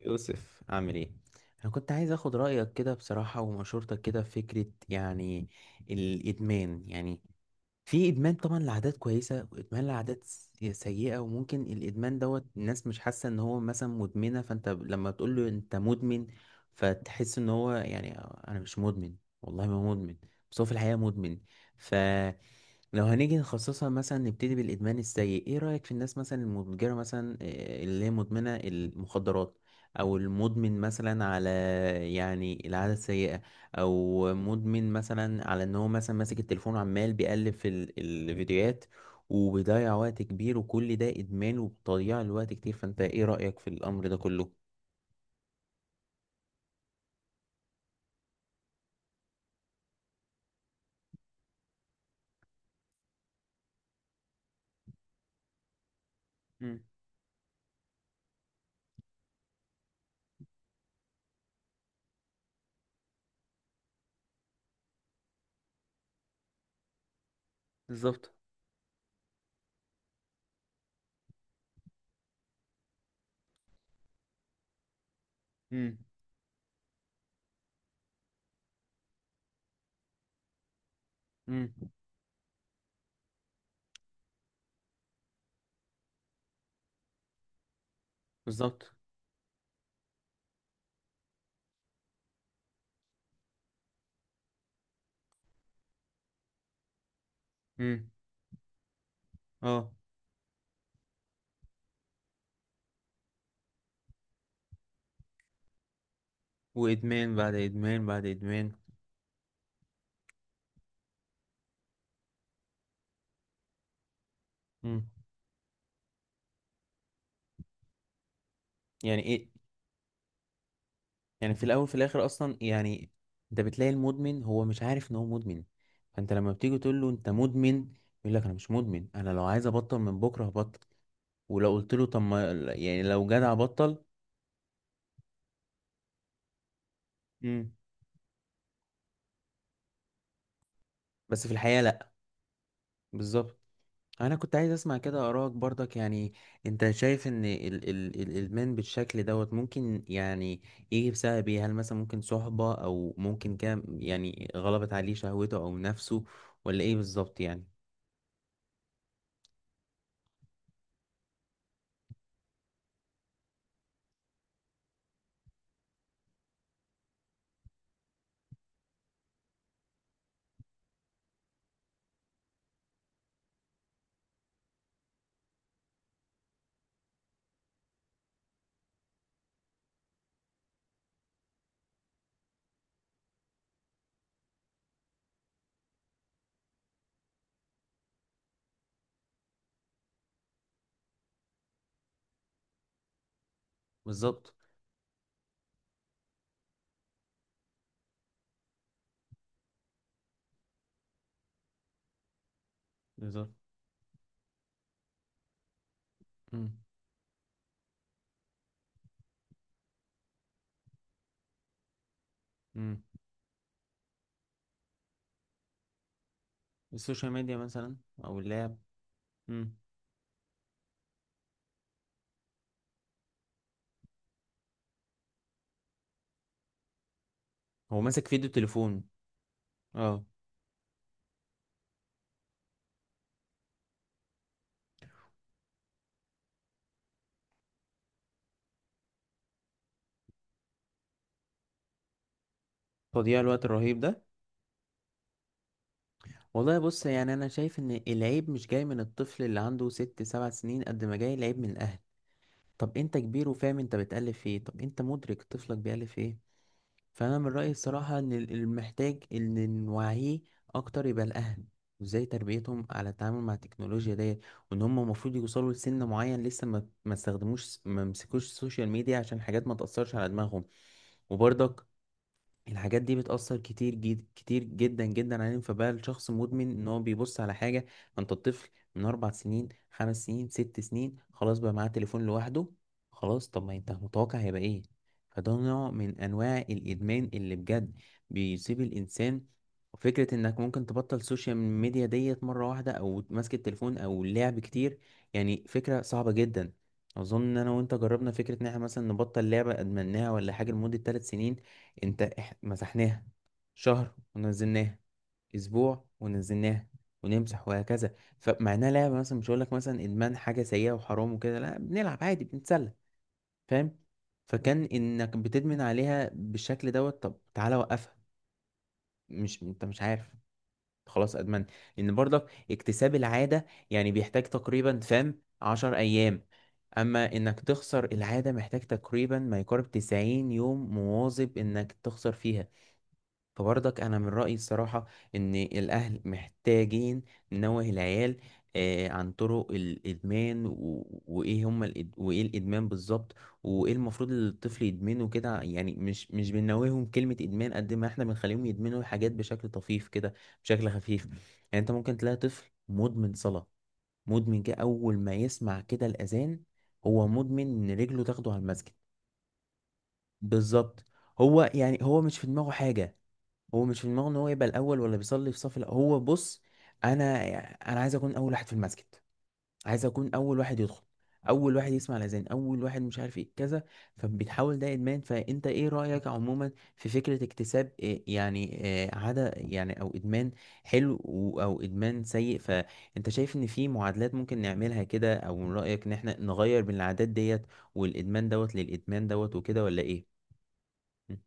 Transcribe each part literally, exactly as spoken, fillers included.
يوسف عامل ايه؟ انا كنت عايز اخد رايك كده بصراحه ومشورتك كده في فكره، يعني الادمان. يعني في ادمان طبعا لعادات كويسه، وادمان لعادات س- سيئه، وممكن الادمان دوت الناس مش حاسه ان هو مثلا مدمنه، فانت ب- لما تقول له انت مدمن فتحس ان هو، يعني انا مش مدمن، والله ما مدمن. بس هو في الحقيقه مدمن. لو هنيجي نخصصها، مثلا نبتدي بالإدمان السيء، ايه رأيك في الناس مثلا المتجرة مثلا، آه، اللي هي مدمنة المخدرات، او المدمن مثلا على يعني العادة السيئة، او مدمن مثلا على ان هو مثلا ماسك التليفون وعمال بيقلب في ال- الفيديوهات وبيضيع وقت كبير، وكل ده إدمان وتضييع الوقت كتير. فانت ايه رأيك في الأمر ده كله؟ مم. بالظبط. مم. مم. بالظبط. امم. اه، وادمان بعد ادمان بعد ادمان. امم. يعني ايه؟ يعني في الاول في الاخر اصلا، يعني انت بتلاقي المدمن هو مش عارف ان هو مدمن، فانت لما بتيجي تقول له انت مدمن يقول لك انا مش مدمن، انا لو عايز ابطل من بكره هبطل. ولو قلت له طب ما يعني لو جدع بطل. امم. بس في الحقيقه لا. بالظبط. انا كنت عايز اسمع كده ارائك برضك، يعني انت شايف ان ال ال الادمان بالشكل دوت ممكن يعني يجي بسبب ايه؟ هل مثلا ممكن صحبه، او ممكن كده يعني غلبت عليه شهوته او نفسه، ولا ايه بالظبط يعني؟ بالظبط. بالظبط. مم. مم. السوشيال ميديا مثلا، او اللعب. مم. هو ماسك فيديو تليفون. اه، تضييع الوقت الرهيب ده. والله بص، يعني انا شايف ان العيب مش جاي من الطفل اللي عنده ست سبع سنين، قد ما جاي العيب من الاهل. طب انت كبير وفاهم، انت بتألف ايه؟ طب انت مدرك طفلك بيألف ايه؟ فانا من رايي الصراحه ان ال- المحتاج ان نوعيه اكتر يبقى الاهل، وازاي تربيتهم على التعامل مع التكنولوجيا ديت، وان هم المفروض يوصلوا لسن معين لسه ما ما استخدموش، ما مسكوش السوشيال ميديا عشان حاجات ما تاثرش على دماغهم. وبرضك الحاجات دي بتأثر كتير جد، كتير جدا جدا عليهم. فبقى الشخص مدمن ان هو بيبص على حاجة. ما انت الطفل من اربع سنين، خمس سنين، ست سنين، خلاص بقى معاه تليفون لوحده. خلاص، طب ما انت متوقع هيبقى ايه؟ فده نوع من انواع الادمان اللي بجد بيصيب الانسان. وفكرة انك ممكن تبطل السوشيال ميديا ديت مرة واحدة، او ماسك التليفون او لعب كتير، يعني فكرة صعبة جدا. اظن ان انا وانت جربنا فكرة ان احنا مثلا نبطل لعبة ادمناها ولا حاجة لمدة ثلاث سنين. انت إح- مسحناها شهر ونزلناها، اسبوع ونزلناها، ونمسح، وهكذا. فمع انها لعبه، مثلا مش هقول لك مثلا ادمان حاجه سيئه وحرام وكده، لا بنلعب عادي، بنتسلى، فاهم؟ فكان انك بتدمن عليها بالشكل دوت، طب تعالى وقفها، مش انت مش عارف، خلاص ادمنت. ان برضك اكتساب العاده يعني بيحتاج تقريبا، فاهم، عشر ايام، اما انك تخسر العاده محتاج تقريبا ما يقارب تسعين يوم مواظب انك تخسر فيها. فبرضك انا من رايي الصراحه ان الاهل محتاجين ننوه العيال، آه، عن طرق الادمان و- وايه هم الإد... وايه الادمان بالظبط، وايه المفروض الطفل يدمنه كده. يعني مش مش بننوههم كلمه ادمان قد ما احنا بنخليهم يدمنوا الحاجات بشكل طفيف كده، بشكل خفيف يعني. انت ممكن تلاقي طفل مدمن صلاه، مدمن كده اول ما يسمع كده الاذان، هو مدمن ان رجله تاخده على المسجد. بالظبط. هو يعني هو مش في دماغه حاجه، هو مش في دماغه ان هو يبقى الاول ولا بيصلي في صف الأول. هو بص، انا انا عايز اكون اول واحد في المسجد، عايز اكون اول واحد يدخل، اول واحد يسمع الاذان، اول واحد مش عارف ايه كذا. فبتحاول، ده ادمان. فانت ايه رايك عموما في فكره اكتساب إيه يعني، إيه عاده يعني، او ادمان حلو، و- او ادمان سيء؟ فانت شايف ان في معادلات ممكن نعملها كده، او من رايك ان احنا نغير من العادات ديت والادمان دوت للادمان دوت وكده، ولا ايه؟ مم.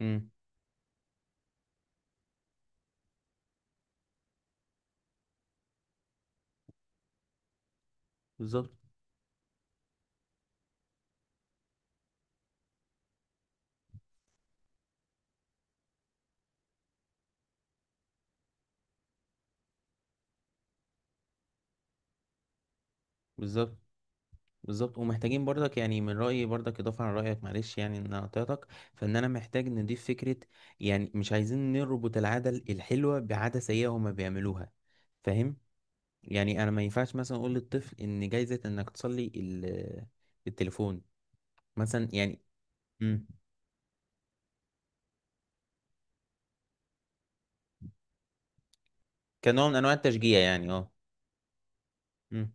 مم. بالظبط. بالظبط. بالظبط، ومحتاجين برضك، يعني من رأيي برضك إضافة عن رأيك، معلش يعني إن أنا قطعتك، فإن أنا محتاج نضيف فكرة. يعني مش عايزين نربط العادة الحلوة بعادة سيئة هما بيعملوها، فاهم؟ يعني انا ما ينفعش مثلا اقول للطفل ان جايزة انك تصلي ال- التليفون مثلا، يعني. مم. كنوع من انواع التشجيع يعني، اه. مم.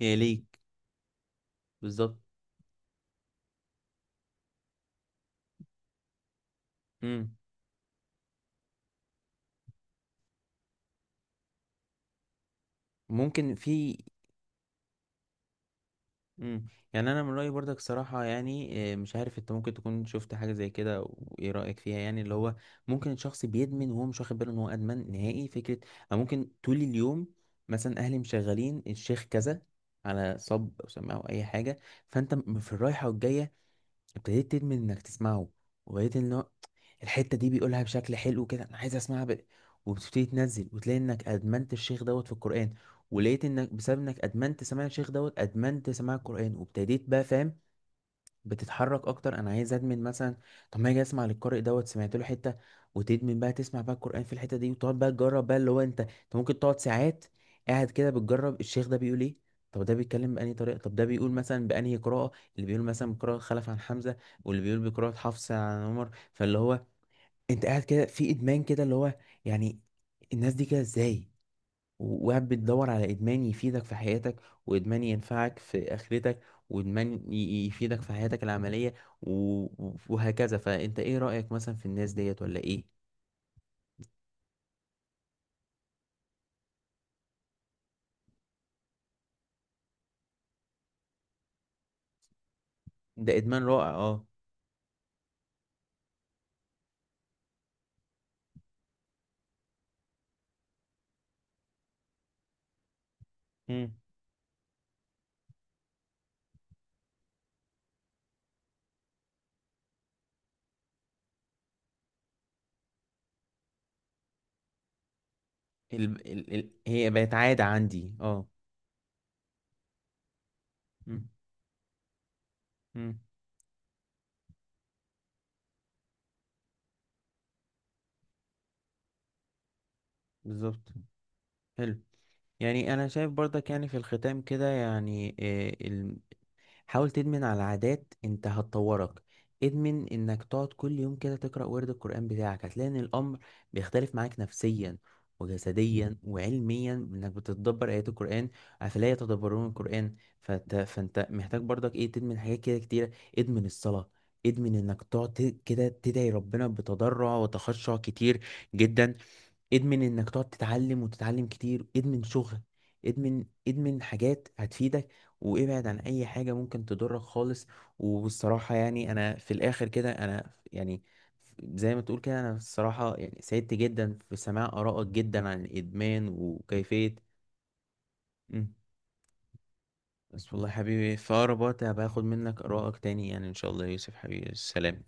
هي ليك. بالظبط. مم. ممكن في. مم. يعني انا من رأيي برضك صراحة، يعني آه، مش عارف انت ممكن تكون شفت حاجة زي كده وايه رأيك فيها، يعني اللي هو ممكن الشخص بيدمن وهو مش واخد باله ان هو ادمن نهائي فكرة. او ممكن طول اليوم مثلا اهلي مشغلين الشيخ كذا على صب او سماعه او اي حاجة، فانت م- في الرايحة والجاية ابتديت تدمن انك تسمعه، وبقيت ان هو الحته دي بيقولها بشكل حلو كده، انا عايز اسمعها ب... وبتبتدي تنزل وتلاقي انك ادمنت الشيخ دوت في القران، ولقيت انك بسبب انك ادمنت سماع الشيخ دوت ادمنت سماع القران، وابتديت بقى، فاهم، بتتحرك اكتر، انا عايز ادمن مثلا. طب ما اجي اسمع للقارئ دوت، سمعت له حته، وتدمن بقى تسمع بقى القران في الحته دي، وتقعد بقى تجرب بقى اللي هو، انت انت ممكن تقعد ساعات قاعد كده بتجرب الشيخ ده بيقول ايه. طب ده بيتكلم بأنهي طريقة، طب ده بيقول مثلا بأنهي قراءة، اللي بيقول مثلا بقراءة خلف عن حمزة، واللي بيقول بقراءة حفص عن عمر. فاللي هو انت قاعد كده في إدمان كده، اللي هو، يعني الناس دي كده ازاي، وقاعد بتدور على إدمان يفيدك في حياتك، وإدمان ينفعك في آخرتك، وإدمان ي- يفيدك في حياتك العملية، و- وهكذا. فأنت إيه رأيك مثلا في الناس ديت ولا إيه؟ ده إدمان رائع، أه. مم. ال... ال... ال... هي بقت عادة عندي، أه. مم. مم. بالظبط. حلو. يعني انا شايف برضك، يعني في الختام كده يعني، حاول تدمن على عادات انت هتطورك. ادمن انك تقعد كل يوم كده تقرأ ورد القرآن بتاعك، هتلاقي ان الامر بيختلف معاك نفسيا وجسديا وعلميا، انك بتتدبر ايات القرآن، افلا يتدبرون القرآن. فت... فانت محتاج برضك ايه تدمن حاجات كده كتيرة. ادمن الصلاة، ادمن انك تقعد ت- كده تدعي ربنا بتضرع وتخشع كتير جدا. ادمن انك تقعد تتعلم وتتعلم كتير، ادمن شغل، ادمن ادمن حاجات هتفيدك، وابعد عن اي حاجة ممكن تضرك خالص. وبالصراحة يعني انا في الاخر كده انا يعني، زي ما تقول كده، انا الصراحة يعني سعدت جدا في سماع آرائك جدا عن الادمان وكيفية. مم. بس والله حبيبي في اقرب وقت هبقى اخد منك آرائك تاني، يعني ان شاء الله يا يوسف حبيبي، السلام.